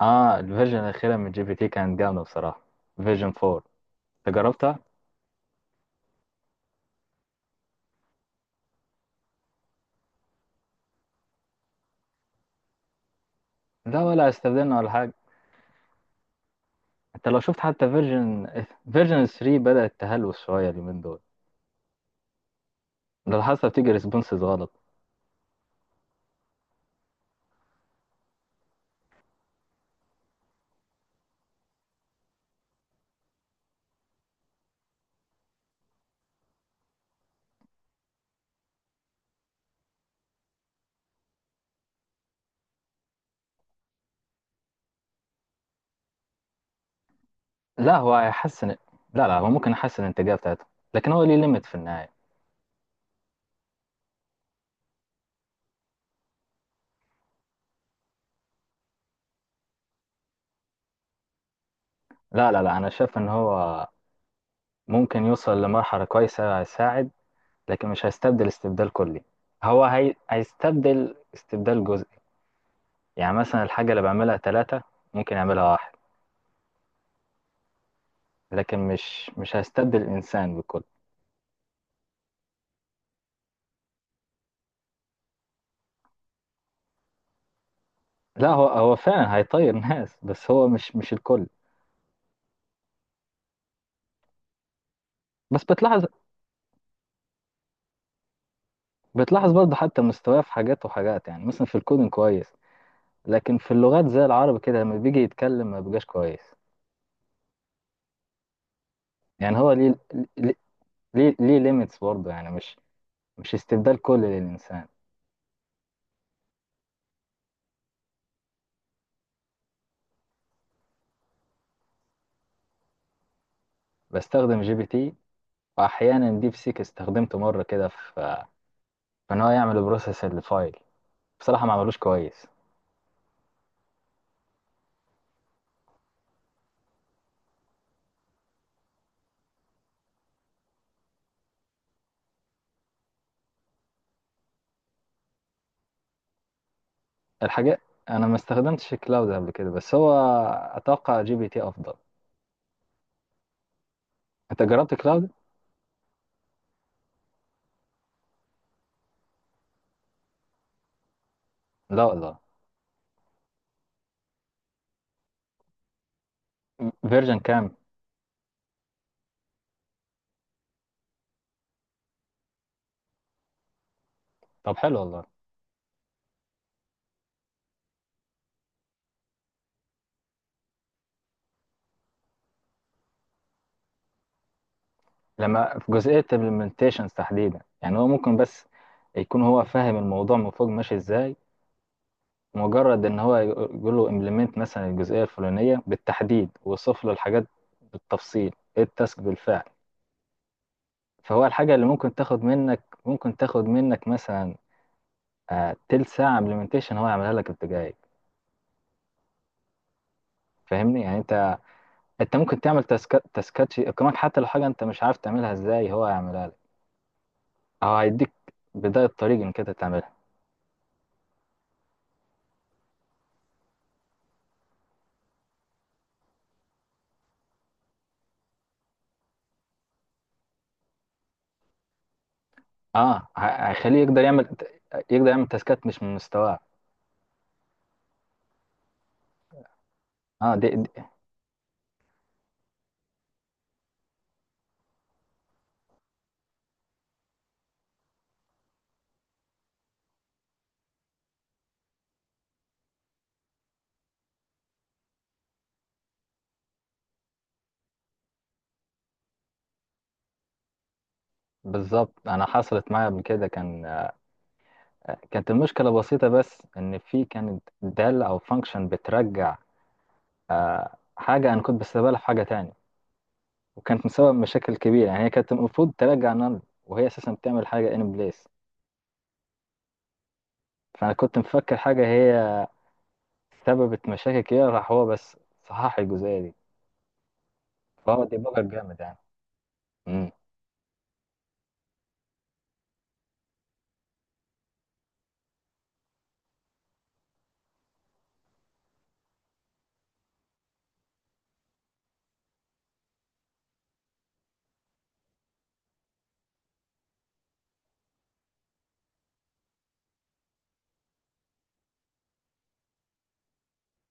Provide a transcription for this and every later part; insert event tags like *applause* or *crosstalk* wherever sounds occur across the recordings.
اه الفيرجن الأخيرة من جي بي تي كانت جامدة بصراحة. فيرجن 4. انت جربتها؟ لا، ولا استخدمنا ولا حاجة. انت لو شفت حتى فيرجن 3 بدأت تهلوس شوية اليومين دول، لو حاسة بتيجي ريسبونسز غلط. لا، هو هيحسن. لا لا، هو ممكن يحسن الإنتاجية بتاعته، لكن هو ليه ليميت في النهاية. لا لا لا، أنا شايف إن هو ممكن يوصل لمرحلة كويسة، هيساعد، لكن مش هيستبدل استبدال كلي. هو هيستبدل استبدال جزئي. يعني مثلا الحاجة اللي بعملها ثلاثة ممكن يعملها واحد، لكن مش هيستبدل الانسان بالكل. لا هو هو فعلا هيطير *laughs* ناس، بس هو مش الكل. بس بتلاحظ، برضه حتى مستواه في حاجات وحاجات، يعني مثلا في الكودing كويس، لكن في اللغات زي العربي كده لما بيجي يتكلم ما بيبقاش كويس. يعني هو ليه ليه, ليه ليميتس برضه، يعني مش استبدال كلي للانسان. بستخدم جي بي تي، واحيانا ديب سيك، استخدمته مره كده في فان هو يعمل بروسيس للفايل. بصراحه ما عملوش كويس. الحاجات، انا ما استخدمتش كلاود قبل كده، بس هو اتوقع جي بي تي افضل. انت جربت كلاود؟ لا والله. فيرجن كام؟ طب حلو والله. لما في جزئيه implementations تحديدا، يعني هو ممكن بس يكون هو فاهم الموضوع من فوق ماشي ازاي، مجرد ان هو يقول له implement مثلا الجزئيه الفلانيه بالتحديد ويوصف له الحاجات بالتفصيل ايه التاسك بالفعل. فهو الحاجه اللي ممكن تاخد منك مثلا تلت ساعه implementation هو يعملها لك في دقايق. فاهمني؟ يعني انت، انت ممكن تعمل تاسكات يقيمك، حتى لو حاجه انت مش عارف تعملها ازاي هو هيعملها لك، او هيديك بدايه طريق انك انت تعملها. هيخليه يقدر يعمل، يقدر يعمل تاسكات مش من مستواه. اه، دي بالظبط. انا حصلت معايا قبل كده، كان كانت المشكله بسيطه، بس ان في كانت دال او فانكشن بترجع آه حاجه انا كنت بستقبلها في حاجه تانية، وكانت مسبب مشاكل كبيره. يعني هي كانت المفروض ترجع نل، وهي اساسا بتعمل حاجه ان بليس. فانا كنت مفكر حاجه هي سببت مشاكل كده، راح هو بس صحح الجزئية دي. فهو ديباجر جامد يعني. امم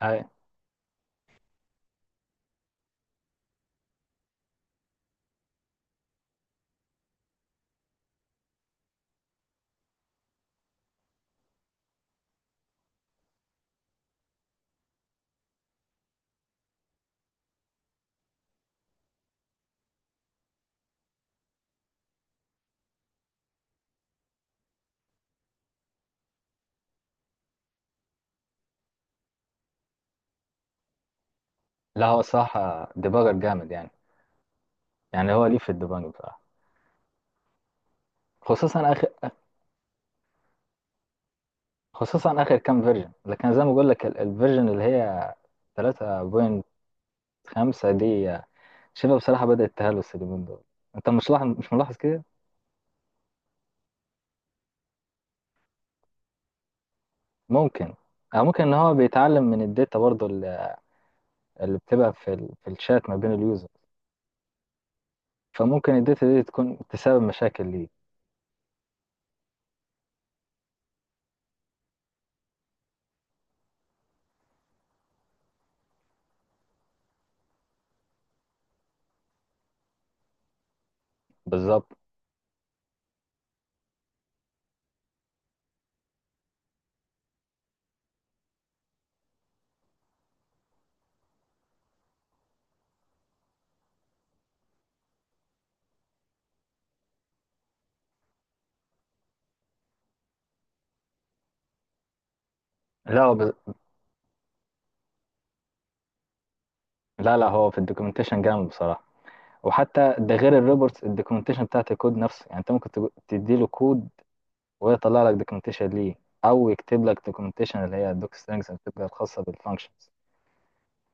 أي- لا هو صراحة ديباجر جامد يعني. يعني هو ليه في الديباج بصراحة، خصوصا آخر، خصوصا آخر كام فيرجن. لكن زي ما بقول لك الفيرجن اللي هي 3.5 دي شبه بصراحة بدأت تهلوس اليومين دول. انت مش لاحظ، مش ملاحظ كده؟ ممكن، أو ممكن ان هو بيتعلم من الداتا برضه اللي اللي بتبقى في الشات ما بين اليوزر. فممكن الداتا دي تكون تسبب مشاكل ليه. بالظبط. لا لا لا، هو في الدوكيومنتيشن جامد بصراحة. وحتى ده غير الريبورتس، الدوكيومنتيشن بتاعت الكود نفسه. يعني انت ممكن تديله كود، وهو يطلع لك دوكيومنتيشن ليه، او يكتب لك دوكيومنتيشن اللي هي الدوك سترينجز اللي بتبقى الخاصة بالفانكشنز.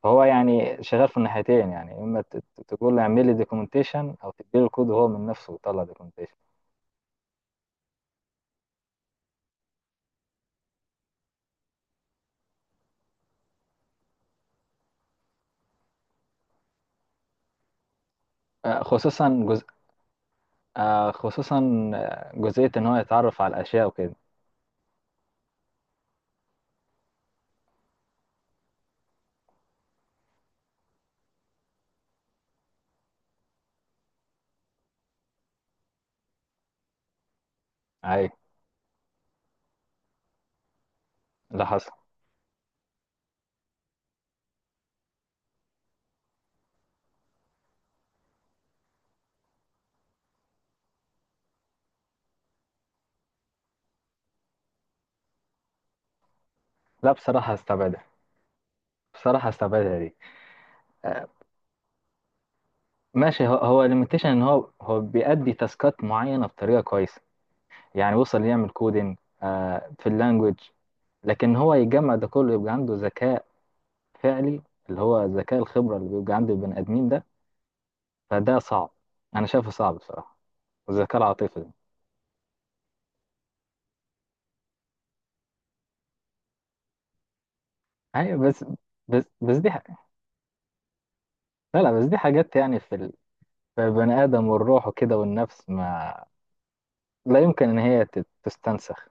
فهو يعني شغال في الناحيتين، يعني اما تقول له اعمل لي دوكيومنتيشن، او تديله الكود وهو من نفسه يطلع دوكيومنتيشن. خصوصا جزء، خصوصا جزئية ان هو يتعرف على الاشياء وكده. اي، اللي حصل. لا بصراحة هستبعدها، بصراحة هستبعدها دي. آه، ماشي، هو هو ليميتيشن ان هو بيأدي تاسكات معينه بطريقه كويسه. يعني وصل يعمل كودينج آه في اللانجوج، لكن هو يجمع ده كله يبقى عنده ذكاء فعلي، اللي هو ذكاء الخبره اللي بيبقى عند البني ادمين ده. فده صعب، انا شايفه صعب بصراحه. والذكاء العاطفي ده، ايوه. بس لا لا، بس دي حاجات يعني في البني ادم والروح وكده والنفس، ما لا يمكن ان هي تستنسخ.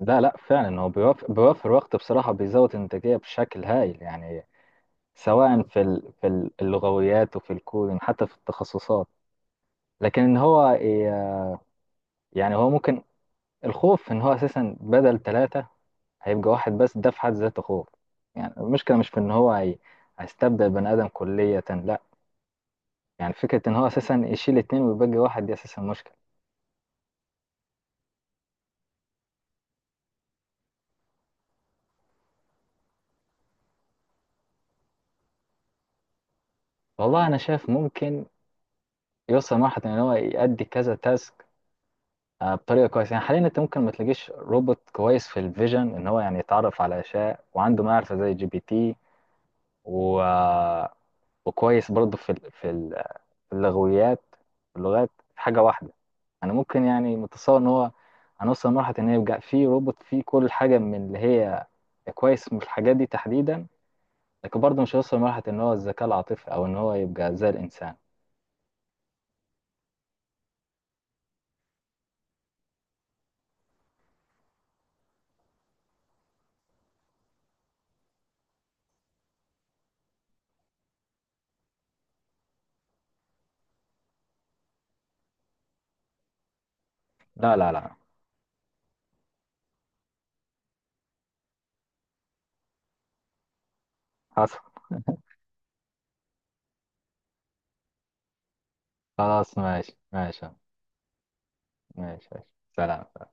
لا لا فعلا، هو بيوفر وقت بصراحة، بيزود إنتاجية بشكل هايل يعني. سواء اللغويات وفي الكودين، حتى في التخصصات. لكن ان هو يعني هو ممكن، الخوف ان هو اساسا بدل ثلاثة هيبقى واحد، بس ده في حد ذاته خوف. يعني المشكلة مش في ان هيستبدل بني ادم كلية، لا. يعني فكرة ان هو اساسا يشيل اتنين ويبقى واحد دي اساسا مشكلة. والله انا شايف ممكن يوصل واحد ان هو يأدي كذا تاسك بطريقة كويسة. يعني حاليا انت ممكن ما تلاقيش روبوت كويس في الفيجن ان هو يعني يتعرف على اشياء وعنده معرفة زي جي بي تي، و وكويس برضه في اللغويات، في اللغات. في حاجة واحدة أنا ممكن يعني متصور إن هو هنوصل لمرحلة إن يبقى في روبوت فيه كل حاجة من اللي هي كويس من الحاجات دي تحديدا، لكن برضه مش هيوصل لمرحلة إن هو الذكاء العاطفي أو إن هو يبقى زي الإنسان. لا لا لا. حصل. خلاص، ماشي ماشي. ماشي ماشي. سلام.